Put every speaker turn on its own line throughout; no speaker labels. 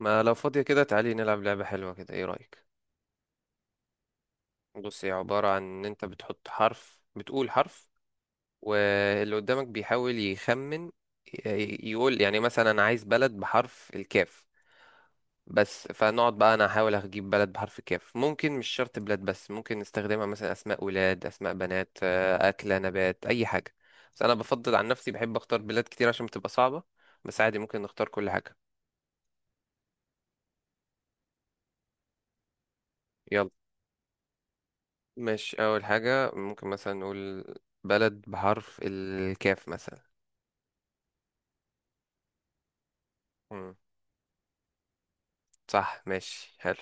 ما لو فاضية كده، تعالي نلعب لعبة حلوة كده. ايه رأيك؟ بص، هي عبارة عن ان انت بتحط حرف، بتقول حرف واللي قدامك بيحاول يخمن يقول. يعني مثلا انا عايز بلد بحرف الكاف، بس فنقعد بقى انا احاول اجيب بلد بحرف الكاف. ممكن مش شرط بلاد، بس ممكن نستخدمها مثلا اسماء ولاد، اسماء بنات، اكلة، نبات، اي حاجة. بس انا بفضل عن نفسي بحب اختار بلاد كتير عشان بتبقى صعبة. بس عادي ممكن نختار كل حاجة. يلا. مش أول حاجة ممكن مثلا نقول بلد بحرف الكاف مثلا. مم. صح، ماشي، حلو.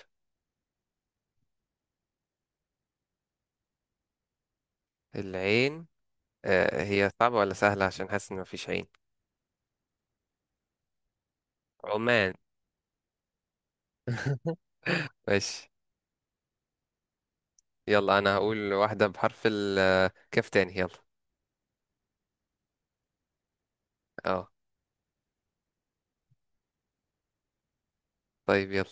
العين. آه، هي صعبة ولا سهلة؟ عشان حاسس إن مفيش عين. عمان. ماشي. يلا أنا هقول واحدة بحرف الكاف تاني. يلا. اه. طيب يلا.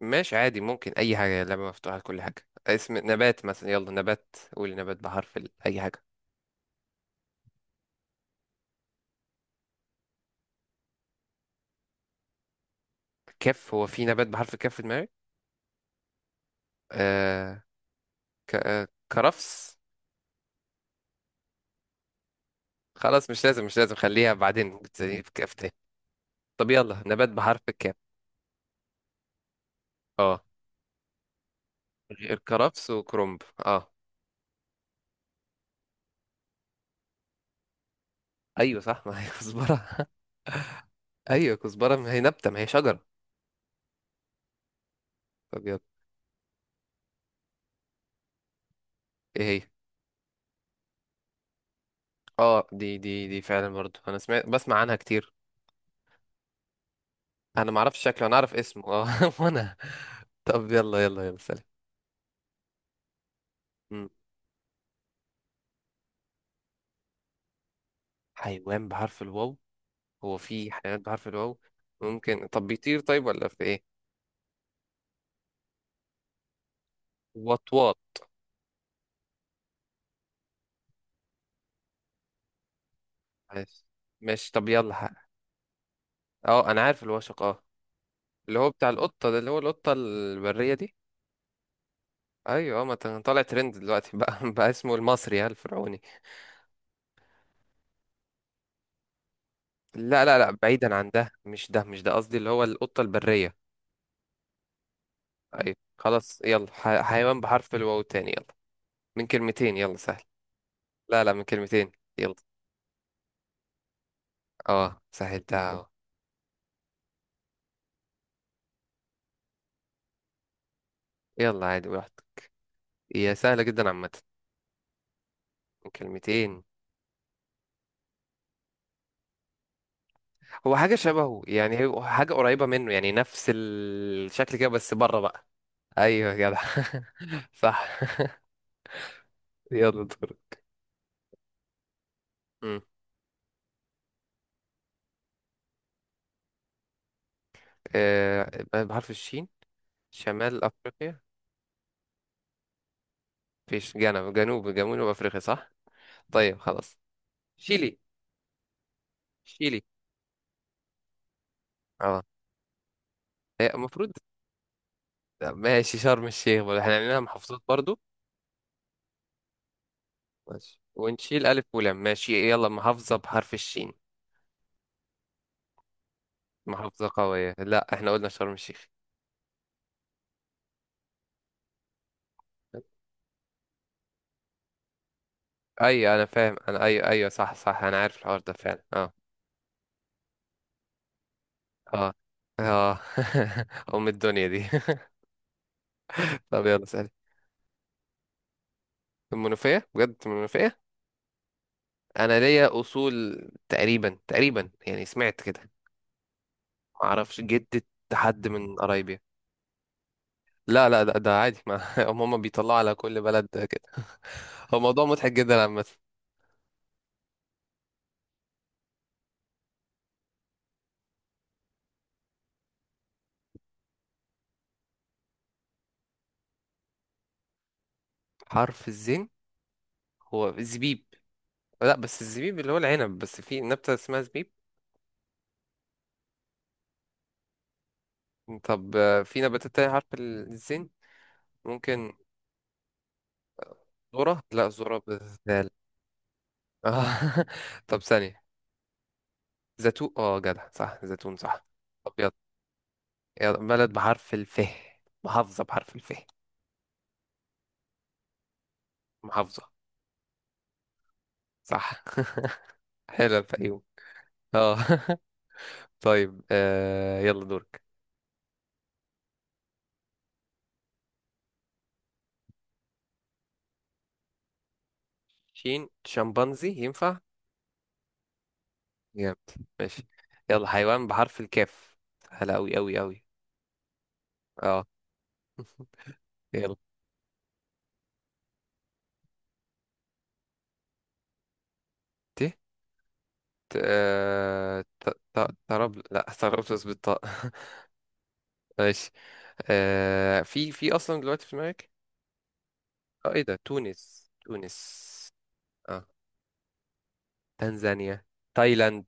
ماشي، عادي، ممكن أي حاجة، لعبة مفتوحة لكل حاجة. اسم نبات مثلا. يلا، نبات. قول نبات بحرف ال... أي حاجة. كاف. هو في نبات بحرف الكاف في دماغك؟ آه. ك... آه كرفس. خلاص، مش لازم مش لازم، خليها بعدين بتسليني في كاف تاني. طب يلا، نبات بحرف الكاف. اه، غير كرفس وكرنب. اه. ايوه صح، ما هي كزبرة. ايوه كزبرة، ما هي نبتة، ما هي شجرة. طب يلا. ايه هي؟ اه، دي فعلا برضو، انا سمعت بسمع عنها كتير. انا ما اعرفش شكله، انا اعرف اسمه اه. وانا. طب يلا يلا يلا. سلام. مم. حيوان بحرف الواو. هو في حيوانات بحرف الواو؟ ممكن. طب بيطير طيب ولا في ايه؟ وطواط. ماشي. ماشي طب يلا اه انا عارف الوشق. اه، اللي هو بتاع القطة ده، اللي هو القطة البرية دي. ايوه، ما ت- طالع ترند دلوقتي بقى، بقى اسمه المصري ها الفرعوني. لا لا لا، بعيدا عن ده، مش ده مش ده قصدي، اللي هو القطة البرية. ايوه خلاص، يلا حيوان بحرف الواو تاني يلا. من كلمتين، يلا سهل. لا لا، من كلمتين. يلا. اه سهلتها اهو. يلا، عادي براحتك. هي سهلة جدا عامة. من كلمتين. هو حاجة شبهه يعني، هو حاجة قريبة منه يعني، نفس الشكل كده بس بره بقى. ايوه يا جدع. صح. يلا دور. مم. آه، بحرف الشين. شمال أفريقيا. فيش، جنوب أفريقيا صح. طيب خلاص، شيلي. شيلي. اه. هي المفروض. ماشي، شرم الشيخ برضه، احنا عندنا محافظات برضو. ماشي ونشيل ألف ولام. ماشي يلا، محافظة بحرف الشين. محافظة قوية، لا احنا قلنا شرم الشيخ. أيوة أنا فاهم، أنا أيوة أيوة صح صح، أنا عارف الحوار ده فعلا. اه. اه. اه. أم الدنيا دي. طب يلا سألي. المنوفية؟ بجد المنوفية. انا ليا اصول تقريبا تقريبا، يعني سمعت كده. ما اعرفش جدة، حد من قرايبي. لا لا، ده, عادي، ما هم بيطلعوا على كل بلد كده. هو موضوع مضحك جدا عامة. حرف الزين. هو الزبيب. لا بس الزبيب اللي هو العنب، بس في نبتة اسمها زبيب. طب في نباتات تانية حرف الزين؟ ممكن. ذرة؟ لا، ذرة بالذال. آه. طب ثانية. زيتون. اه جدع صح زيتون صح. طب يلا. يلا، بلد بحرف الف. محافظة بحرف الف. محافظة. صح. حلو الفيوم. اه. طيب يلا دورك. شين. شمبانزي ينفع. جامد. ماشي. يلا، حيوان بحرف الكاف. سهلة أوي أوي أوي. اه. يلا. ت. ت، تراب، لا ترابلس بالطاء. ماشي. آه، في أصلا دلوقتي في دماغك؟ اه، ايه ده؟ تونس. تونس. اه، تنزانيا، تايلاند.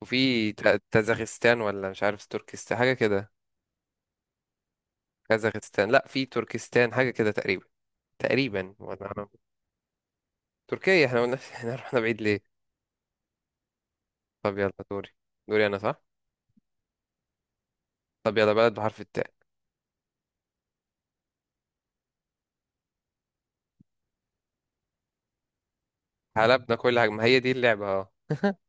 وفي تازاخستان، ولا مش عارف تركستان، حاجة كده. كازاخستان؟ لا، في تركستان حاجة كده تقريبا، تقريبا، تركيا. احنا قلنا، احنا رحنا بعيد ليه. طب يلا دوري. دوري انا صح. طب يلا، بلد بحرف التاء. حلبنا كل حاجة، ما هي دي اللعبة اه.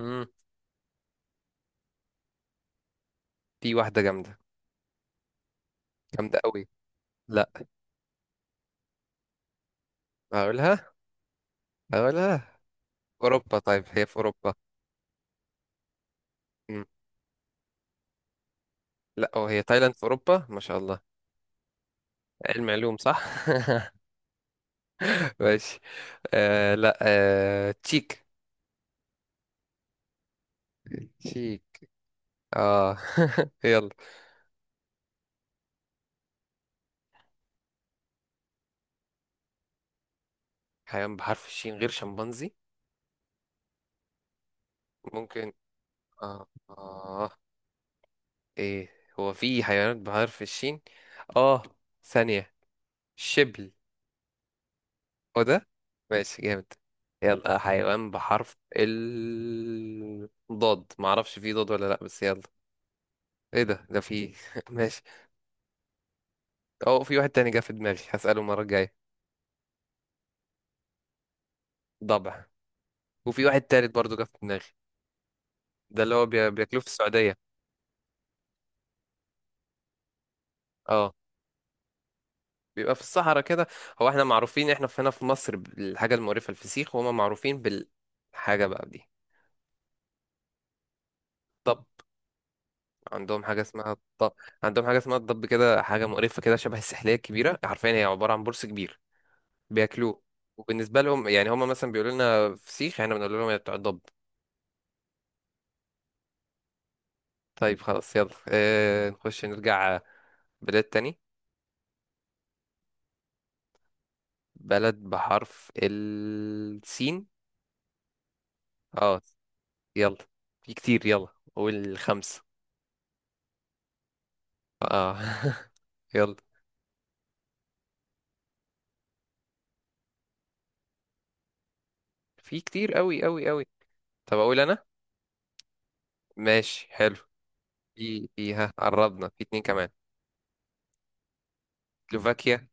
مم. في واحدة جامدة. جامدة قوي. لا. هقولها. هقولها. أوروبا. طيب، هي في أوروبا. مم. لا، أو هي تايلاند في أوروبا، ما شاء الله. علم علوم صح. ماشي. آه لا، آه تشيك. تشيك. اه. يلا. حيوان بحرف الشين غير شمبانزي. ممكن. آه. آه. إيه. هو في حيوانات بحرف الشين؟ آه. ثانية. شبل. هو ده. ماشي جامد. يلا، حيوان بحرف ال ضاد، معرفش في ضاد ولا لأ بس يلا. إيه ده؟ ده في. ماشي. أه، في واحد تاني جه في دماغي، هسأله المرة الجاية. ضبع. وفي واحد تالت برضه جه في دماغي. ده اللي هو بياكلوه في السعودية. اه. بيبقى في الصحراء كده. هو احنا معروفين، احنا في هنا في مصر، بالحاجة المقرفة الفسيخ، وهما معروفين بالحاجة بقى دي. طب، عندهم حاجة اسمها الط... عندهم حاجة اسمها الضب، كده حاجة مقرفة كده شبه السحلية الكبيرة، حرفيا هي عبارة عن برص كبير. بياكلوه. وبالنسبة لهم يعني هما مثلا بيقولوا لنا فسيخ، احنا بنقول لهم يا بتوع الضب. طيب خلاص يلا. اه نخش نرجع بلاد تاني. بلد بحرف السين. اه يلا، في كتير يلا، قول خمسة. اه. يلا. في كتير قوي قوي قوي. طب اقول انا. ماشي حلو. في فيها، قربنا، في اتنين كمان. سلوفاكيا.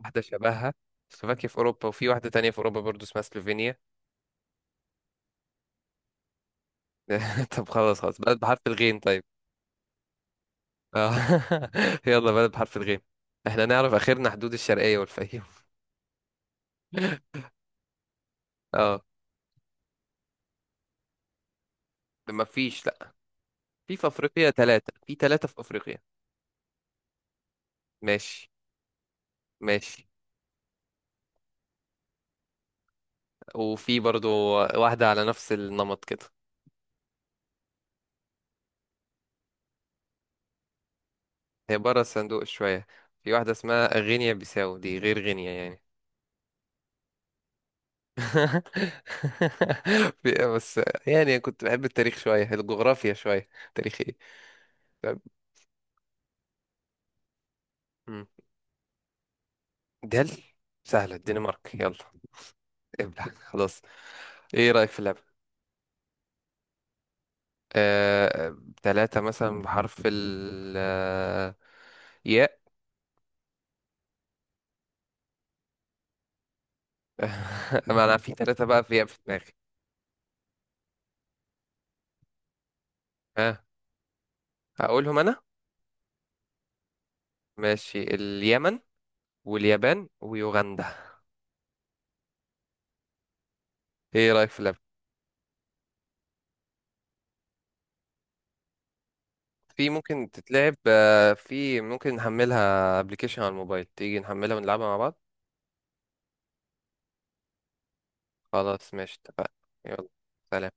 واحدة شبهها، سلوفاكيا في أوروبا، وفي واحدة تانية في أوروبا برضو اسمها سلوفينيا. طب خلاص خلاص، بلد بحرف الغين طيب. آه. يلا، بلد بحرف الغين. احنا نعرف آخرنا حدود الشرقية والفيوم. اه. ما فيش. لا. في في أفريقيا ثلاثة، في ثلاثة في أفريقيا. ماشي. ماشي. وفي برضو واحدة على نفس النمط كده. هي بره الصندوق شوية، في واحدة اسمها غينيا بيساو، دي غير غينيا يعني. بس، يعني كنت بحب التاريخ شوية، الجغرافيا شوية. تاريخ. طب. مم. دل. سهلة، الدنمارك يلا. ابلع خلاص. ايه رأيك في اللعبة؟ آه... ثلاثة مثلا بحرف ال ياء. ما انا في ثلاثة بقى في ياء في دماغي. ها. هقولهم انا. ماشي، اليمن، واليابان، ويوغندا. ايه رأيك في اللعبة؟ في ممكن تتلعب، في ممكن نحملها ابلكيشن على الموبايل، تيجي نحملها ونلعبها مع بعض. خلاص ماشي اتفقنا. يلا. سلام.